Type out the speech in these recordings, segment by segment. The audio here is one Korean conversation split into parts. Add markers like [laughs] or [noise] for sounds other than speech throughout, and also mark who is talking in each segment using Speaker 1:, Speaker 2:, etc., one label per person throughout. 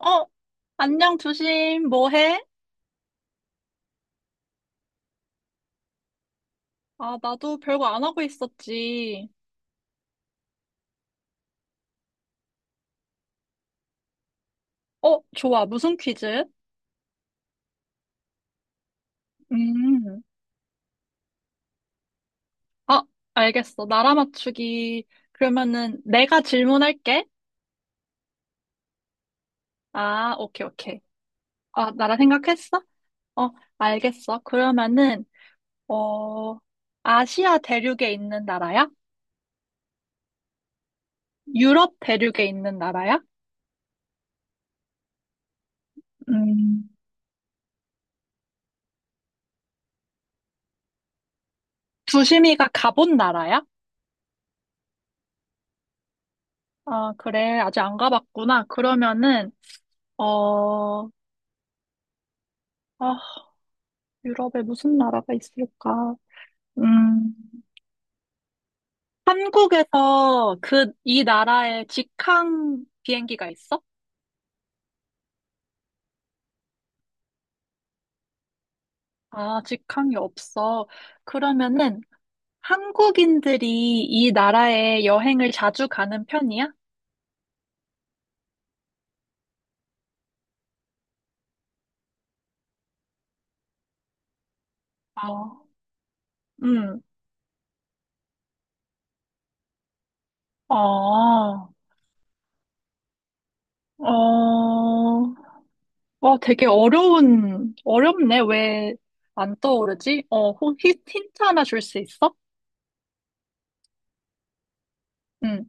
Speaker 1: 어, 안녕, 두심 뭐 해? 아, 나도 별거 안 하고 있었지. 어, 좋아. 무슨 퀴즈? 음, 아, 알겠어. 나라 맞추기. 그러면은 내가 질문할게. 아, 오케이, 오케이. 아, 나라 생각했어? 어, 알겠어. 그러면은, 어, 아시아 대륙에 있는 나라야? 유럽 대륙에 있는 나라야? 음, 두심이가 가본 나라야? 아, 그래. 아직 안 가봤구나. 그러면은, 어, 어, 유럽에 무슨 나라가 있을까? 음, 한국에서 이 나라에 직항 비행기가 있어? 아, 직항이 없어. 그러면은 한국인들이 이 나라에 여행을 자주 가는 편이야? 어. 음, 아, 되게 어려운, 어렵네. 왜 안 떠오르지? 혹시 힌트 하나 줄 수 있어? 응.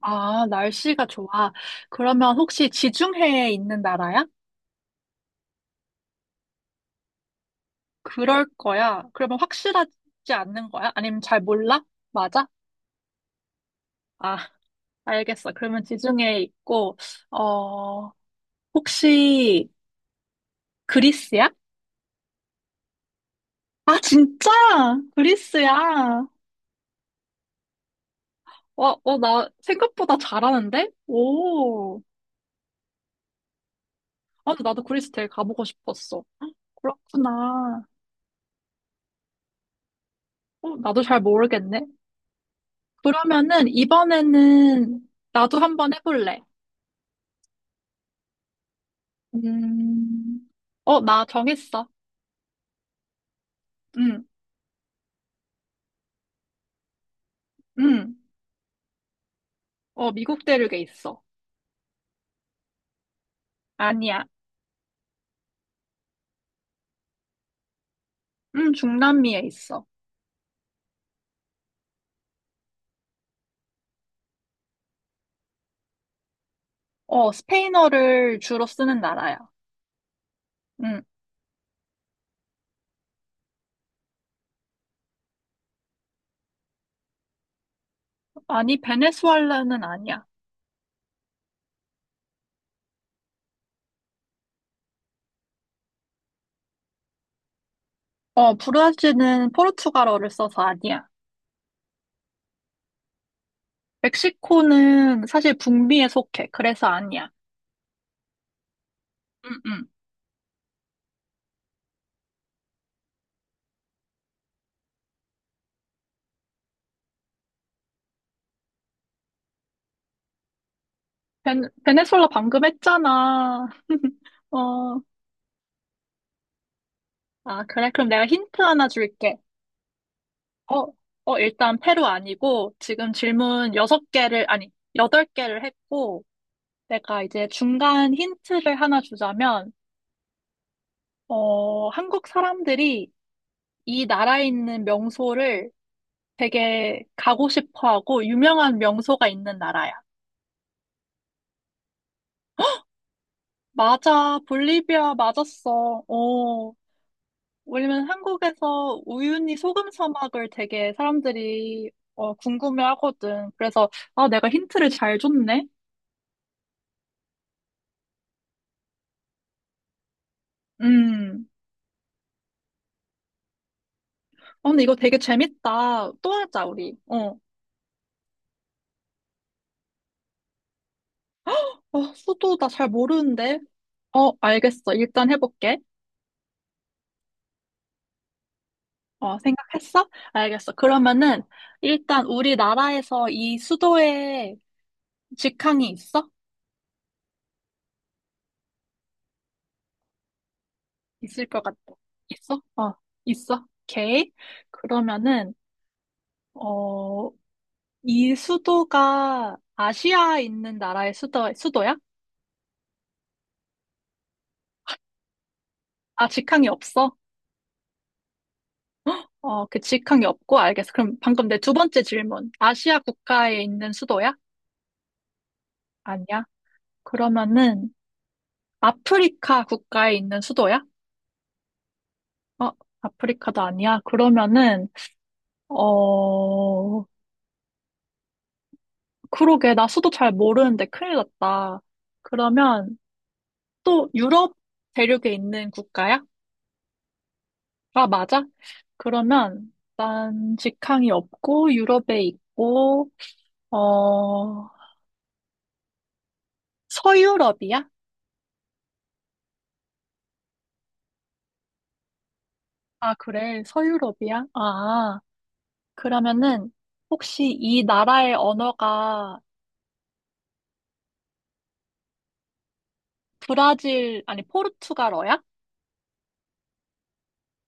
Speaker 1: 아, 날씨가 좋아. 그러면 혹시 지중해에 있는 나라야? 그럴 거야. 그러면 확실하지 않는 거야? 아니면 잘 몰라? 맞아? 아, 알겠어. 그러면 지중해에 있고, 어, 혹시 그리스야? 아, 진짜? 그리스야? 나 생각보다 잘하는데? 오. 아, 근데 나도 그리스 되게 가보고 싶었어. 그렇구나. 나도 잘 모르겠네. 그러면은 이번에는 나도 한번 해볼래. 음, 나 정했어. 응, 응. 어, 미국 대륙에 있어. 아니야. 응, 중남미에 있어. 어, 스페인어를 주로 쓰는 나라야. 응. 아니, 베네수엘라는 아니야. 어, 브라질은 포르투갈어를 써서 아니야. 멕시코는 사실 북미에 속해. 그래서 아니야. 응, 응. 베, 베네수엘라 방금 했잖아. [laughs] 어, 아, 그래. 그럼 내가 힌트 하나 줄게. 어, 어, 일단 페루 아니고 지금 질문 여섯 개를 아니, 여덟 개를 했고 내가 이제 중간 힌트를 하나 주자면 한국 사람들이 이 나라에 있는 명소를 되게 가고 싶어 하고 유명한 명소가 있는 나라야. 맞아. 볼리비아 맞았어. 어. 왜냐면 한국에서 우유니 소금 사막을 되게 사람들이 궁금해 하거든. 그래서 아, 내가 힌트를 잘 줬네. 음. 아, 근데 이거 되게 재밌다. 또 하자, 우리. 어. 어, 수도 나 잘 모르는데. 어, 알겠어. 일단 해볼게. 어, 생각했어? 알겠어. 그러면은, 일단 우리나라에서 이 수도에 직항이 있어? 있을 것 같아. 있어? 어, 있어. 오케이. 그러면은, 어, 이 수도가 아시아에 있는 나라의 수도야? 아, 직항이 없어? 어, 그 직항이 없고, 알겠어. 그럼 방금 내 두 번째 질문. 아시아 국가에 있는 수도야? 아니야? 그러면은 아프리카 국가에 있는 수도야? 어, 아프리카도 아니야? 그러면은 어, 그러게 나 수도 잘 모르는데 큰일 났다. 그러면 또 유럽 대륙에 있는 국가야? 아, 맞아? 그러면 난 직항이 없고 유럽에 있고 어, 서유럽이야? 아, 그래. 서유럽이야? 아, 그러면은 혹시 이 나라의 언어가 브라질, 아니, 포르투갈어야?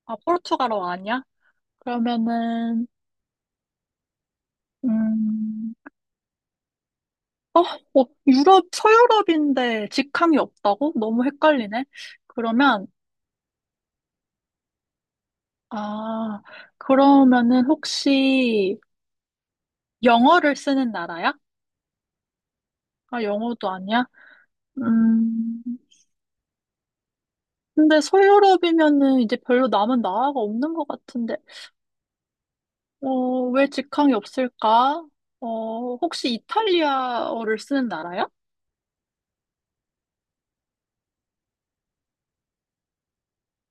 Speaker 1: 아, 포르투갈어 아니야? 그러면은, 음, 어, 서유럽인데 직항이 없다고? 너무 헷갈리네. 그러면, 아, 그러면은 혹시 영어를 쓰는 나라야? 아, 영어도 아니야? 음, 근데 서유럽이면은 이제 별로 남은 나라가 없는 것 같은데, 왜 직항이 없을까? 혹시 이탈리아어를 쓰는 나라야?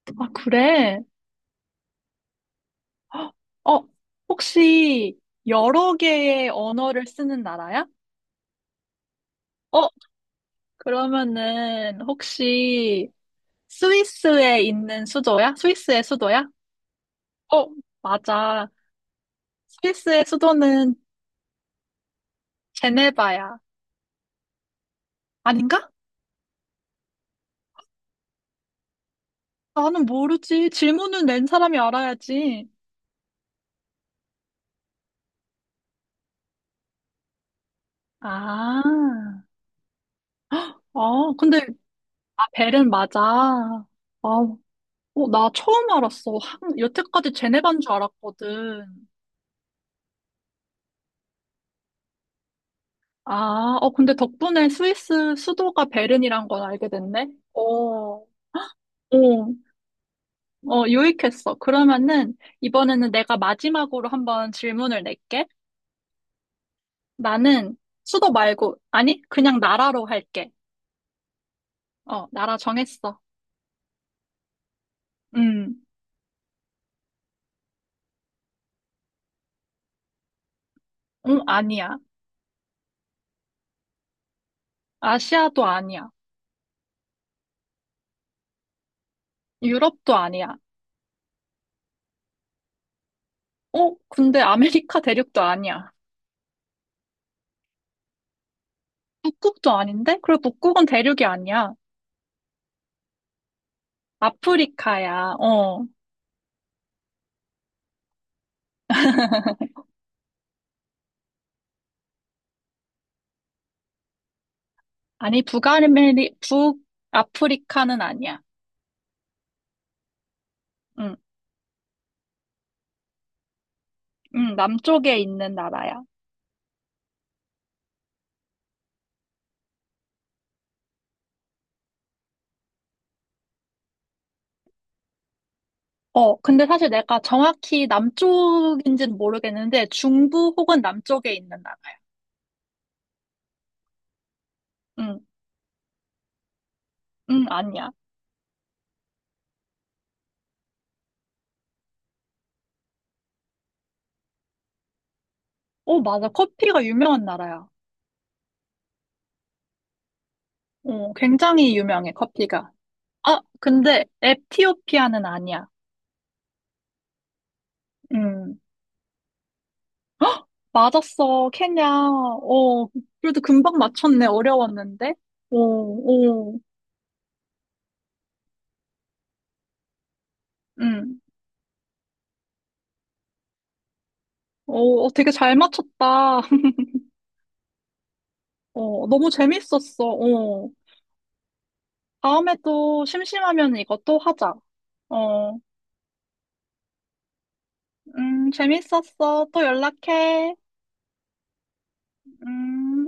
Speaker 1: 아, 그래? 어, 혹시 여러 개의 언어를 쓰는 나라야? 어, 그러면은 혹시 스위스에 있는 수도야? 스위스의 수도야? 어, 맞아. 스위스의 수도는 제네바야. 아닌가? 나는 모르지. 질문을 낸 사람이 알아야지. 아, 근데, 아, 벨은 맞아. 아, 어, 나 처음 알았어. 여태까지 제네바인 줄 알았거든. 아, 근데 덕분에 스위스 수도가 베른이란 걸 알게 됐네? 어, 어, 어, 유익했어. 그러면은, 이번에는 내가 마지막으로 한번 질문을 낼게. 나는 수도 말고, 아니, 그냥 나라로 할게. 나라 정했어. 음, 아니야. 아시아도 아니야. 유럽도 아니야. 근데 아메리카 대륙도 아니야. 북극도 아닌데? 그래, 북극은 대륙이 아니야. 아프리카야. 어. 아니, 북아프리카는 아니야. 응, 응, 남쪽에 있는 나라야. 근데 사실 내가 정확히 남쪽인지는 모르겠는데, 중부 혹은 남쪽에 있는 나라야. 응, 응, 아니야. 어, 맞아. 커피가 유명한 나라야. 어, 굉장히 유명해, 커피가. 아, 근데 에티오피아는 아니야. 응, 헉, 맞았어. 케냐. 그래도 금방 맞췄네. 어려웠는데. 오, 오, 응. 오, 되게 잘 맞췄다. 어, 너무 재밌었어. 어. 다음에 또 심심하면 이것도 하자. 어, 재밌었어. 또 연락해. 음.